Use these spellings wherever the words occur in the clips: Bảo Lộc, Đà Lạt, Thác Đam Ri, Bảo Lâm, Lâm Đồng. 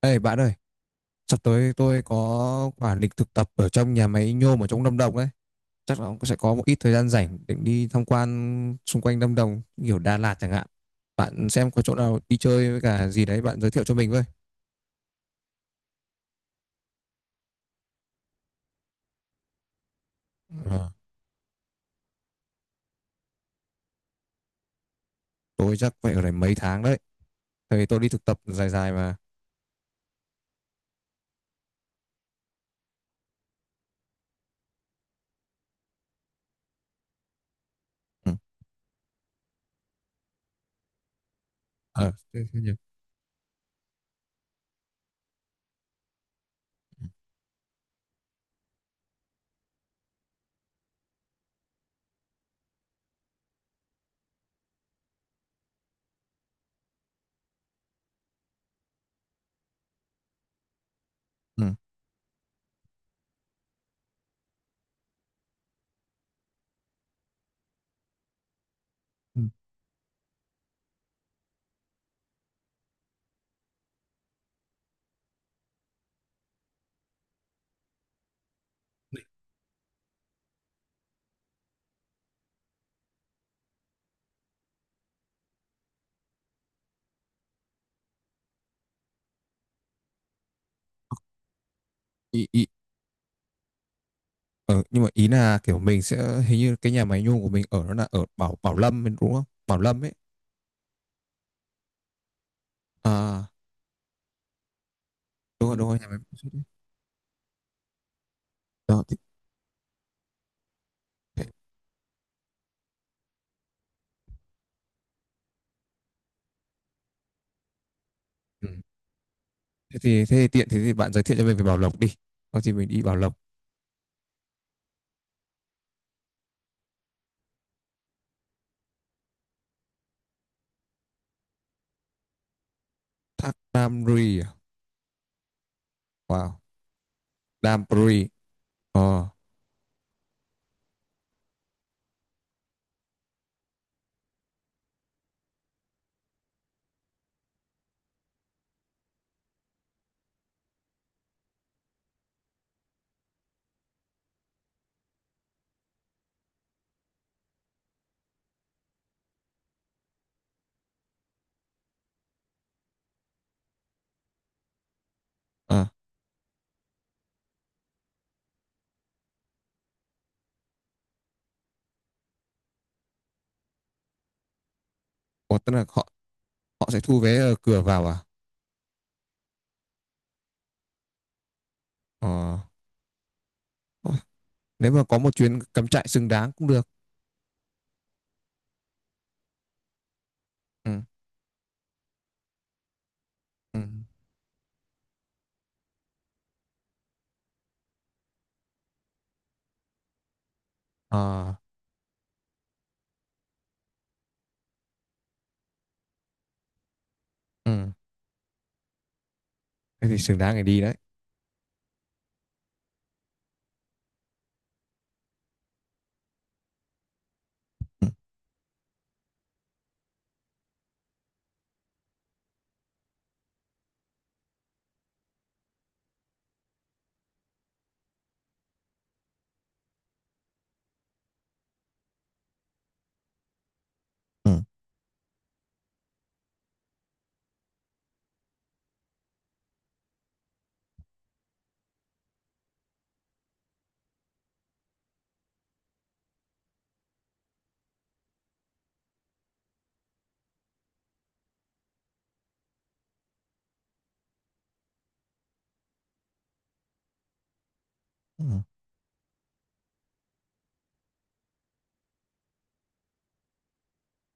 Ê bạn ơi, sắp tới tôi có quả lịch thực tập ở trong nhà máy nhôm ở trong Lâm Đồng đấy. Chắc là ông sẽ có một ít thời gian rảnh để đi tham quan xung quanh Lâm Đồng, kiểu Đà Lạt chẳng hạn. Bạn xem có chỗ nào đi chơi với cả gì đấy bạn giới thiệu cho mình với. Ờ, tôi chắc phải ở đây mấy tháng đấy. Tại vì tôi đi thực tập dài dài mà. Ừ. Thế nhỉ? Ừ. Ừ. Ý, ý, ờ, Nhưng mà ý là kiểu mình sẽ hình như cái nhà máy nhôm của mình ở nó là ở Bảo Bảo Lâm đúng không? Bảo Lâm ấy. À, đúng rồi, nhà máy. Đó, thì, thế- ừ. Thế thì tiện thế thì bạn giới thiệu cho mình về Bảo Lộc đi. Có gì mình đi Bảo Lộc. Thác Đam Ri à? Wow. Đam Ri. Ờ. À. Ủa, tức là họ họ sẽ thu vé ở cửa vào à? Ờ. Nếu mà có một chuyến cắm trại xứng đáng cũng được. Ừ. Ừ. Ờ. Ừ. Thế thì xứng đáng để đi đấy. Ừ. Ừ. Ừ.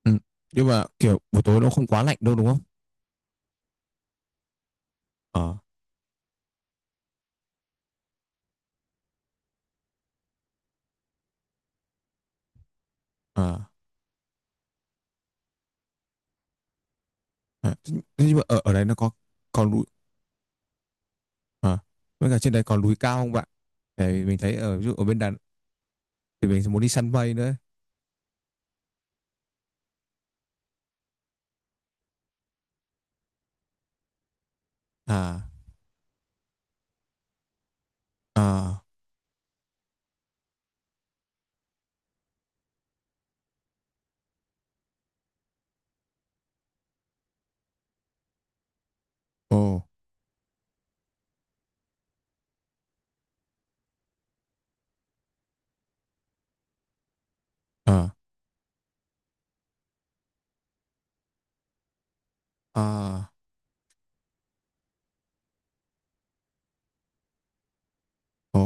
Ừ. Nhưng mà kiểu buổi tối nó không quá lạnh đâu đúng không? Ờ. Ờ. Ờ. Thế nhưng mà ở ở đấy nó có còn núi. Ờ. Với cả trên đấy còn núi cao không bạn? Tại mình thấy ở ví dụ ở bên Đà thì mình muốn đi săn mây nữa. À. À. Ồ. À. À. Ồ.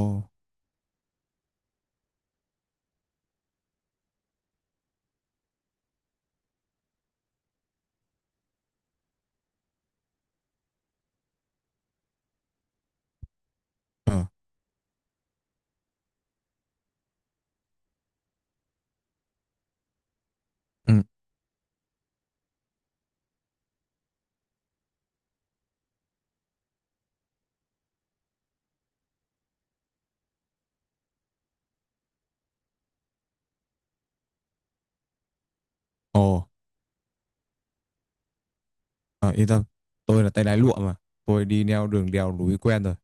À. Ừ. Ồ. À, yên tâm, tôi là tay lái lụa mà, tôi đi neo đường đèo núi quen rồi.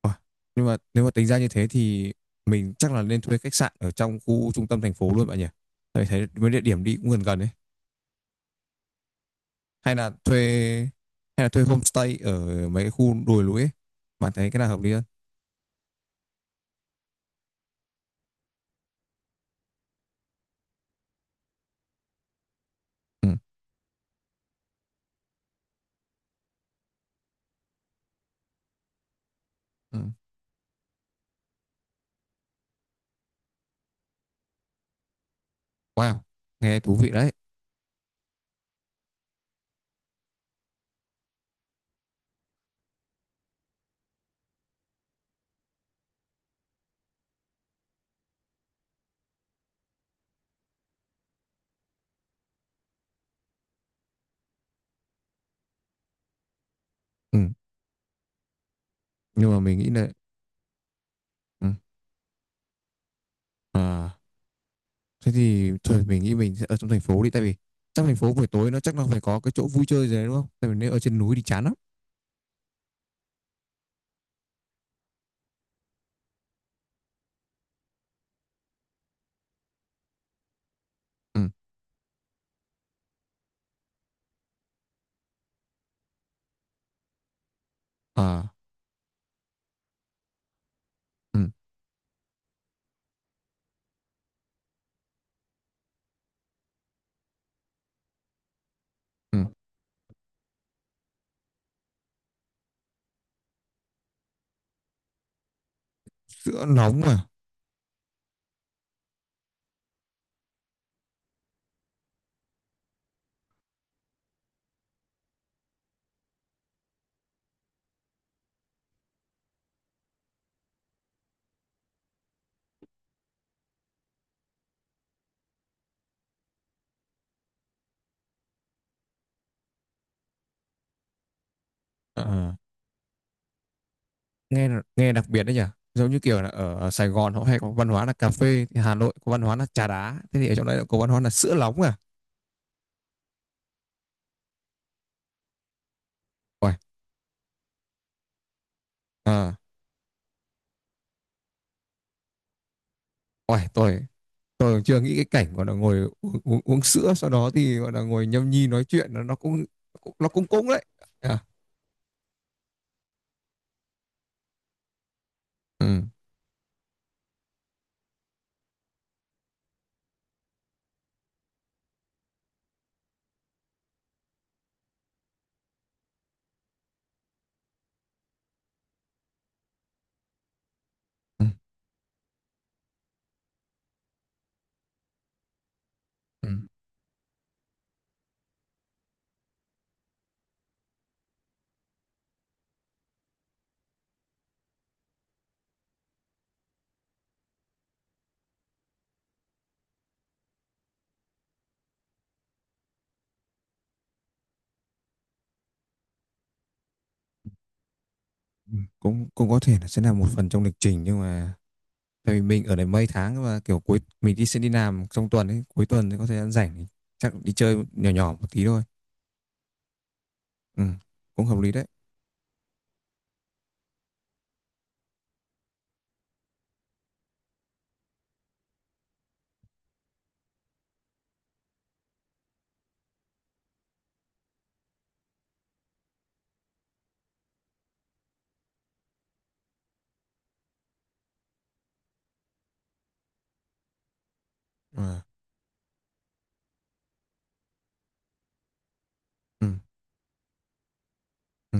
Ôi, nhưng mà nếu mà tính ra như thế thì mình chắc là nên thuê khách sạn ở trong khu trung tâm thành phố luôn bạn nhỉ. Tại thấy mấy địa điểm đi cũng gần gần đấy. Hay là thuê hay là thuê homestay ở mấy cái khu đồi núi ấy, bạn thấy cái nào hợp lý hơn? Ừ. Ừ. Wow, nghe thú vị đấy. Ừ. Nhưng mà mình nghĩ là, ừ, à. Thế thì thôi mình nghĩ mình sẽ ở trong thành phố đi, tại vì trong thành phố buổi tối nó chắc nó phải có cái chỗ vui chơi gì đấy đúng không? Tại vì nếu ở trên núi thì chán lắm. Ừ. À, ừ, ừ. Sữa nóng mà. À. Ờ. Nghe nghe đặc biệt đấy nhỉ. Giống như kiểu là ở Sài Gòn họ hay có văn hóa là cà phê, thì Hà Nội có văn hóa là trà đá, thế thì ở trong đấy có văn hóa là sữa nóng à. Ôi, à, ôi tôi chưa nghĩ cái cảnh gọi là ngồi uống sữa sau đó thì gọi là ngồi nhâm nhi nói chuyện nó cũng nó cũng cũng đấy. À, ừ, ừ, ừ. Ừ, cũng cũng có thể là sẽ là một phần trong lịch trình, nhưng mà tại vì mình ở đây mấy tháng và kiểu cuối mình đi sẽ đi làm trong tuần ấy, cuối tuần thì có thời gian rảnh thì chắc đi chơi nhỏ nhỏ một tí thôi. Ừ, cũng hợp lý đấy. À, ừ, ừ.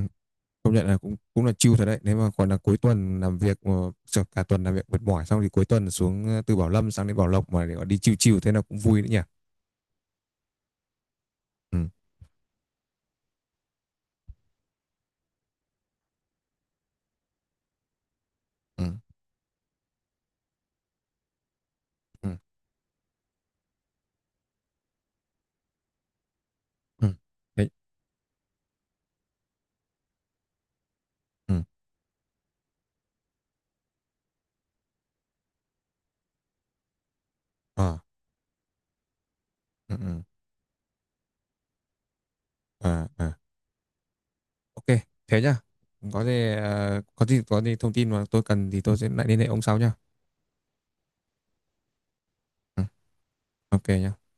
Công nhận là cũng cũng là chill thật đấy, nếu mà còn là cuối tuần làm việc mà, sợ cả tuần làm việc mệt mỏi xong thì cuối tuần xuống từ Bảo Lâm sang đến Bảo Lộc mà để gọi đi chill chill thế là cũng vui đấy nhỉ. Ừ, ừ, ừ, ừ. Đấy, ừ. À, ừ, ừ. À, à. Ok, thế nhá. Có gì có gì thông tin mà tôi cần thì tôi sẽ lại liên hệ ông sau nhá. Ừ, ok nhá.